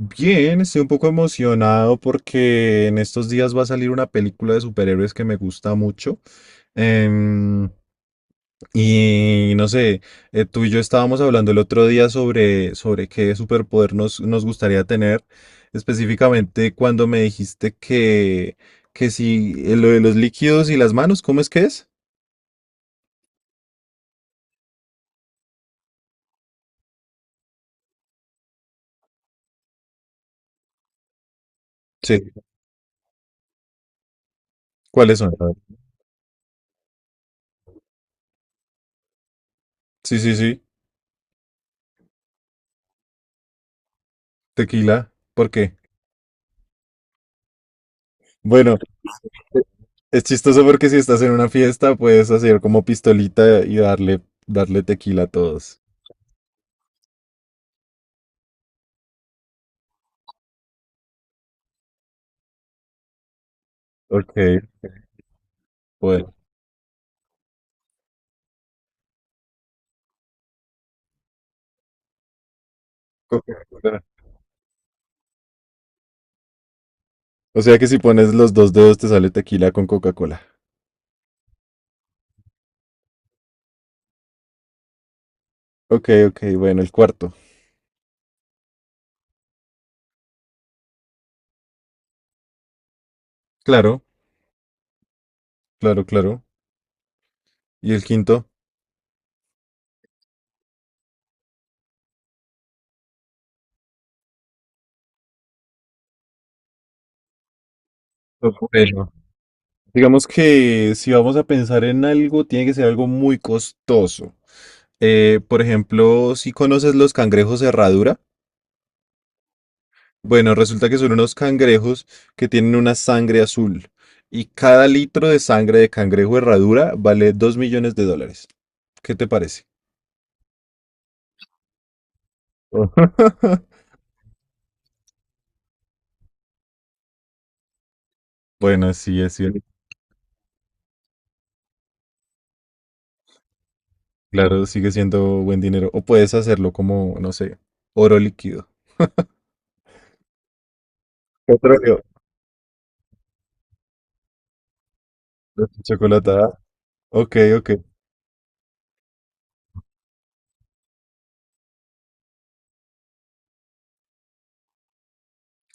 Bien, estoy un poco emocionado porque en estos días va a salir una película de superhéroes que me gusta mucho. Em, y no sé, tú y yo estábamos hablando el otro día sobre qué superpoder nos gustaría tener, específicamente cuando me dijiste que si lo de los líquidos y las manos, ¿cómo es que es? Sí. ¿Cuáles son? A ver. Sí, sí, sí, tequila. ¿Por qué? Bueno. Es chistoso porque si estás en una fiesta puedes hacer como pistolita y darle tequila a todos. Ok, bueno. Coca-Cola. O sea que si pones los dos dedos te sale tequila con Coca-Cola. Ok, ok, bueno, el cuarto. Claro, claro, claro. ¿Y el quinto? Bueno. Digamos que si vamos a pensar en algo, tiene que ser algo muy costoso. Por ejemplo, si conoces los cangrejos herradura. Bueno, resulta que son unos cangrejos que tienen una sangre azul y cada litro de sangre de cangrejo herradura vale 2 millones de dólares. ¿Qué te parece? Bueno, sí, es cierto. Claro, sigue siendo buen dinero. O puedes hacerlo como, no sé, oro líquido. Petróleo. Chocolatada. Ok, ok.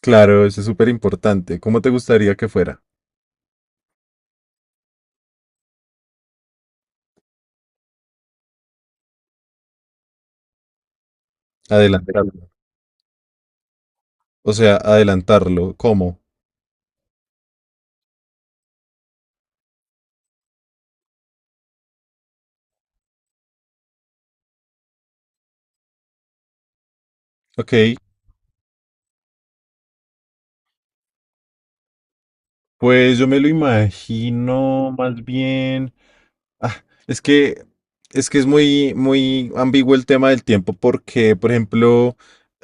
Claro, eso es súper importante. ¿Cómo te gustaría que fuera? Adelantarlo. O sea, adelantarlo. ¿Cómo? Ok, pues yo me lo imagino más bien. Ah, es que es muy, muy ambiguo el tema del tiempo porque, por ejemplo,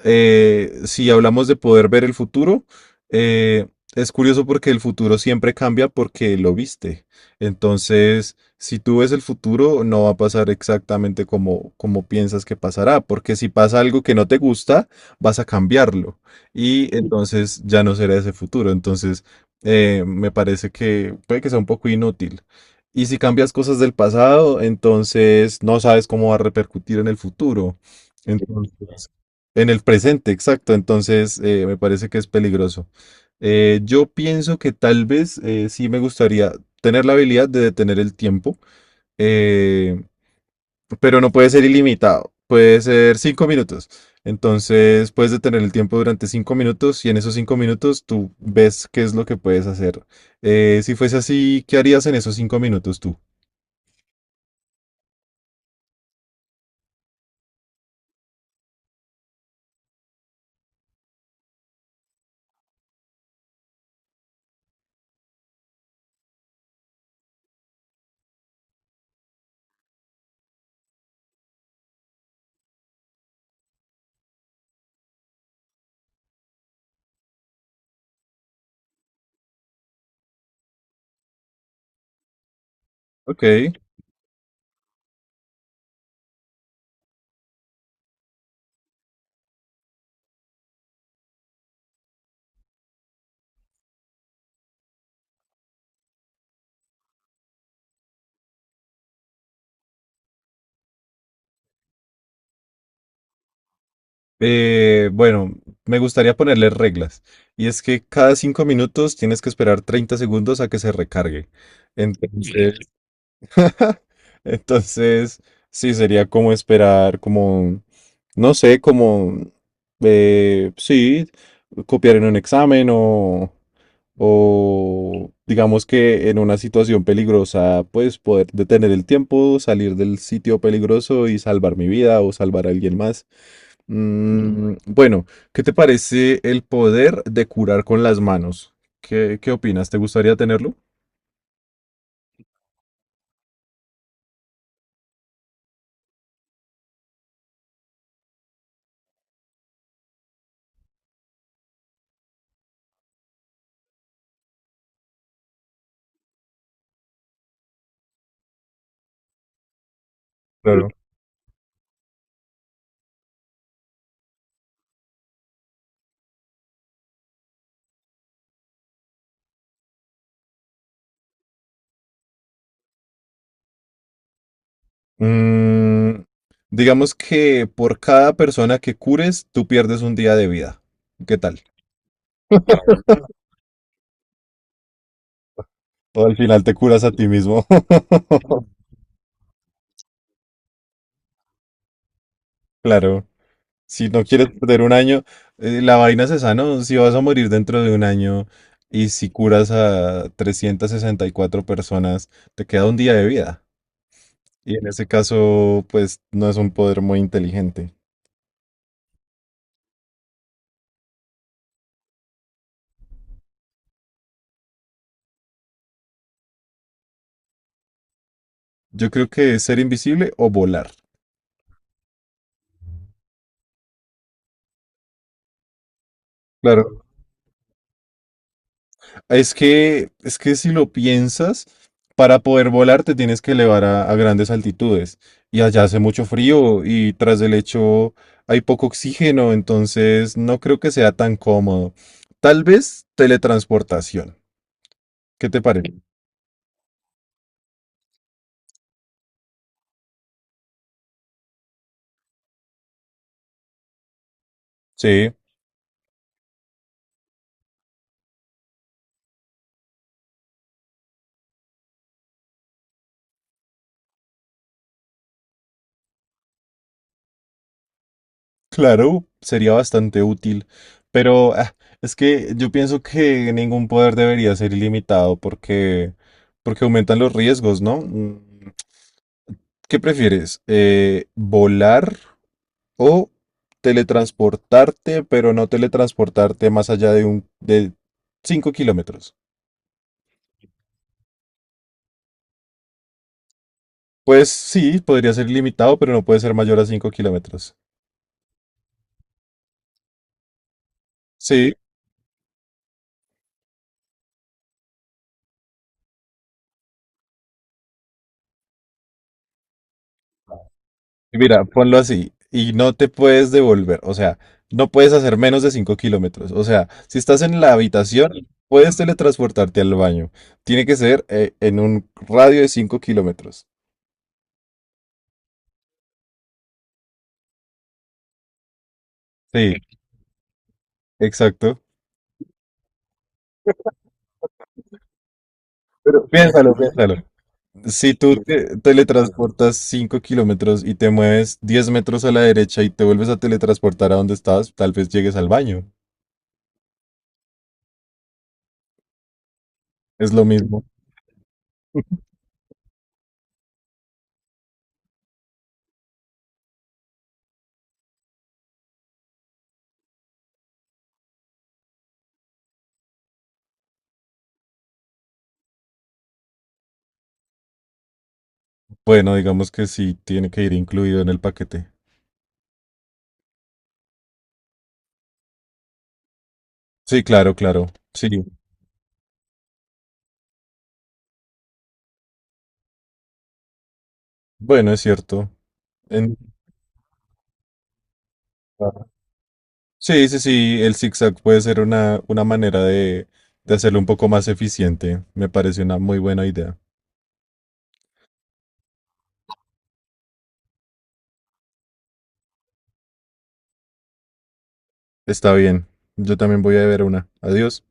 si hablamos de poder ver el futuro, eh, es curioso porque el futuro siempre cambia porque lo viste. Entonces, si tú ves el futuro, no va a pasar exactamente como piensas que pasará, porque si pasa algo que no te gusta, vas a cambiarlo y entonces ya no será ese futuro. Entonces, me parece que puede que sea un poco inútil. Y si cambias cosas del pasado, entonces no sabes cómo va a repercutir en el futuro. Entonces, en el presente, exacto. Entonces, me parece que es peligroso. Yo pienso que tal vez sí me gustaría tener la habilidad de detener el tiempo, eh, pero no puede ser ilimitado. Puede ser 5 minutos. Entonces, puedes detener el tiempo durante 5 minutos y en esos 5 minutos tú ves qué es lo que puedes hacer. Si fuese así, ¿qué harías en esos 5 minutos tú? Ok, bueno, me gustaría ponerle reglas. Y es que cada 5 minutos tienes que esperar 30 segundos a que se recargue. Entonces, entonces, sí, sería como esperar, como, no sé, como, sí, copiar en un examen o digamos que en una situación peligrosa, pues poder detener el tiempo, salir del sitio peligroso y salvar mi vida o salvar a alguien más. Bueno, ¿qué te parece el poder de curar con las manos? ¿Qué, qué opinas? ¿Te gustaría tenerlo? Claro. Mm, digamos que por cada persona que cures, tú pierdes un día de vida. ¿Qué tal? O al final te curas a ti mismo. Claro. Si no quieres perder un año, la vaina se sana, o si vas a morir dentro de un año y si curas a 364 personas, te queda un día de vida. Y en ese caso, pues no es un poder muy inteligente. Yo creo que es ser invisible o volar. Claro, es que si lo piensas, para poder volar te tienes que elevar a grandes altitudes. Y allá hace mucho frío y tras el hecho hay poco oxígeno, entonces no creo que sea tan cómodo. Tal vez teletransportación. ¿Qué te parece? Sí, claro, sería bastante útil. Pero es que yo pienso que ningún poder debería ser ilimitado, porque aumentan los riesgos, ¿no? ¿Qué prefieres? ¿Volar? O teletransportarte, pero no teletransportarte más allá de un de 5 kilómetros. Pues sí, podría ser ilimitado, pero no puede ser mayor a 5 kilómetros. Sí, mira, ponlo así. Y no te puedes devolver, o sea, no puedes hacer menos de 5 kilómetros. O sea, si estás en la habitación, puedes teletransportarte al baño. Tiene que ser en un radio de 5 kilómetros. Sí, exacto. Piénsalo, piénsalo. Si tú te teletransportas 5 kilómetros y te mueves 10 metros a la derecha y te vuelves a teletransportar a donde estabas, tal vez llegues al baño. Es lo mismo. Bueno, digamos que sí, tiene que ir incluido en el paquete. Sí, claro, claro. Sí. Bueno, es cierto. En- ah, Sí, sí, sí, el zigzag puede ser una manera de hacerlo un poco más eficiente. Me parece una muy buena idea. Está bien. Yo también voy a ver una. Adiós.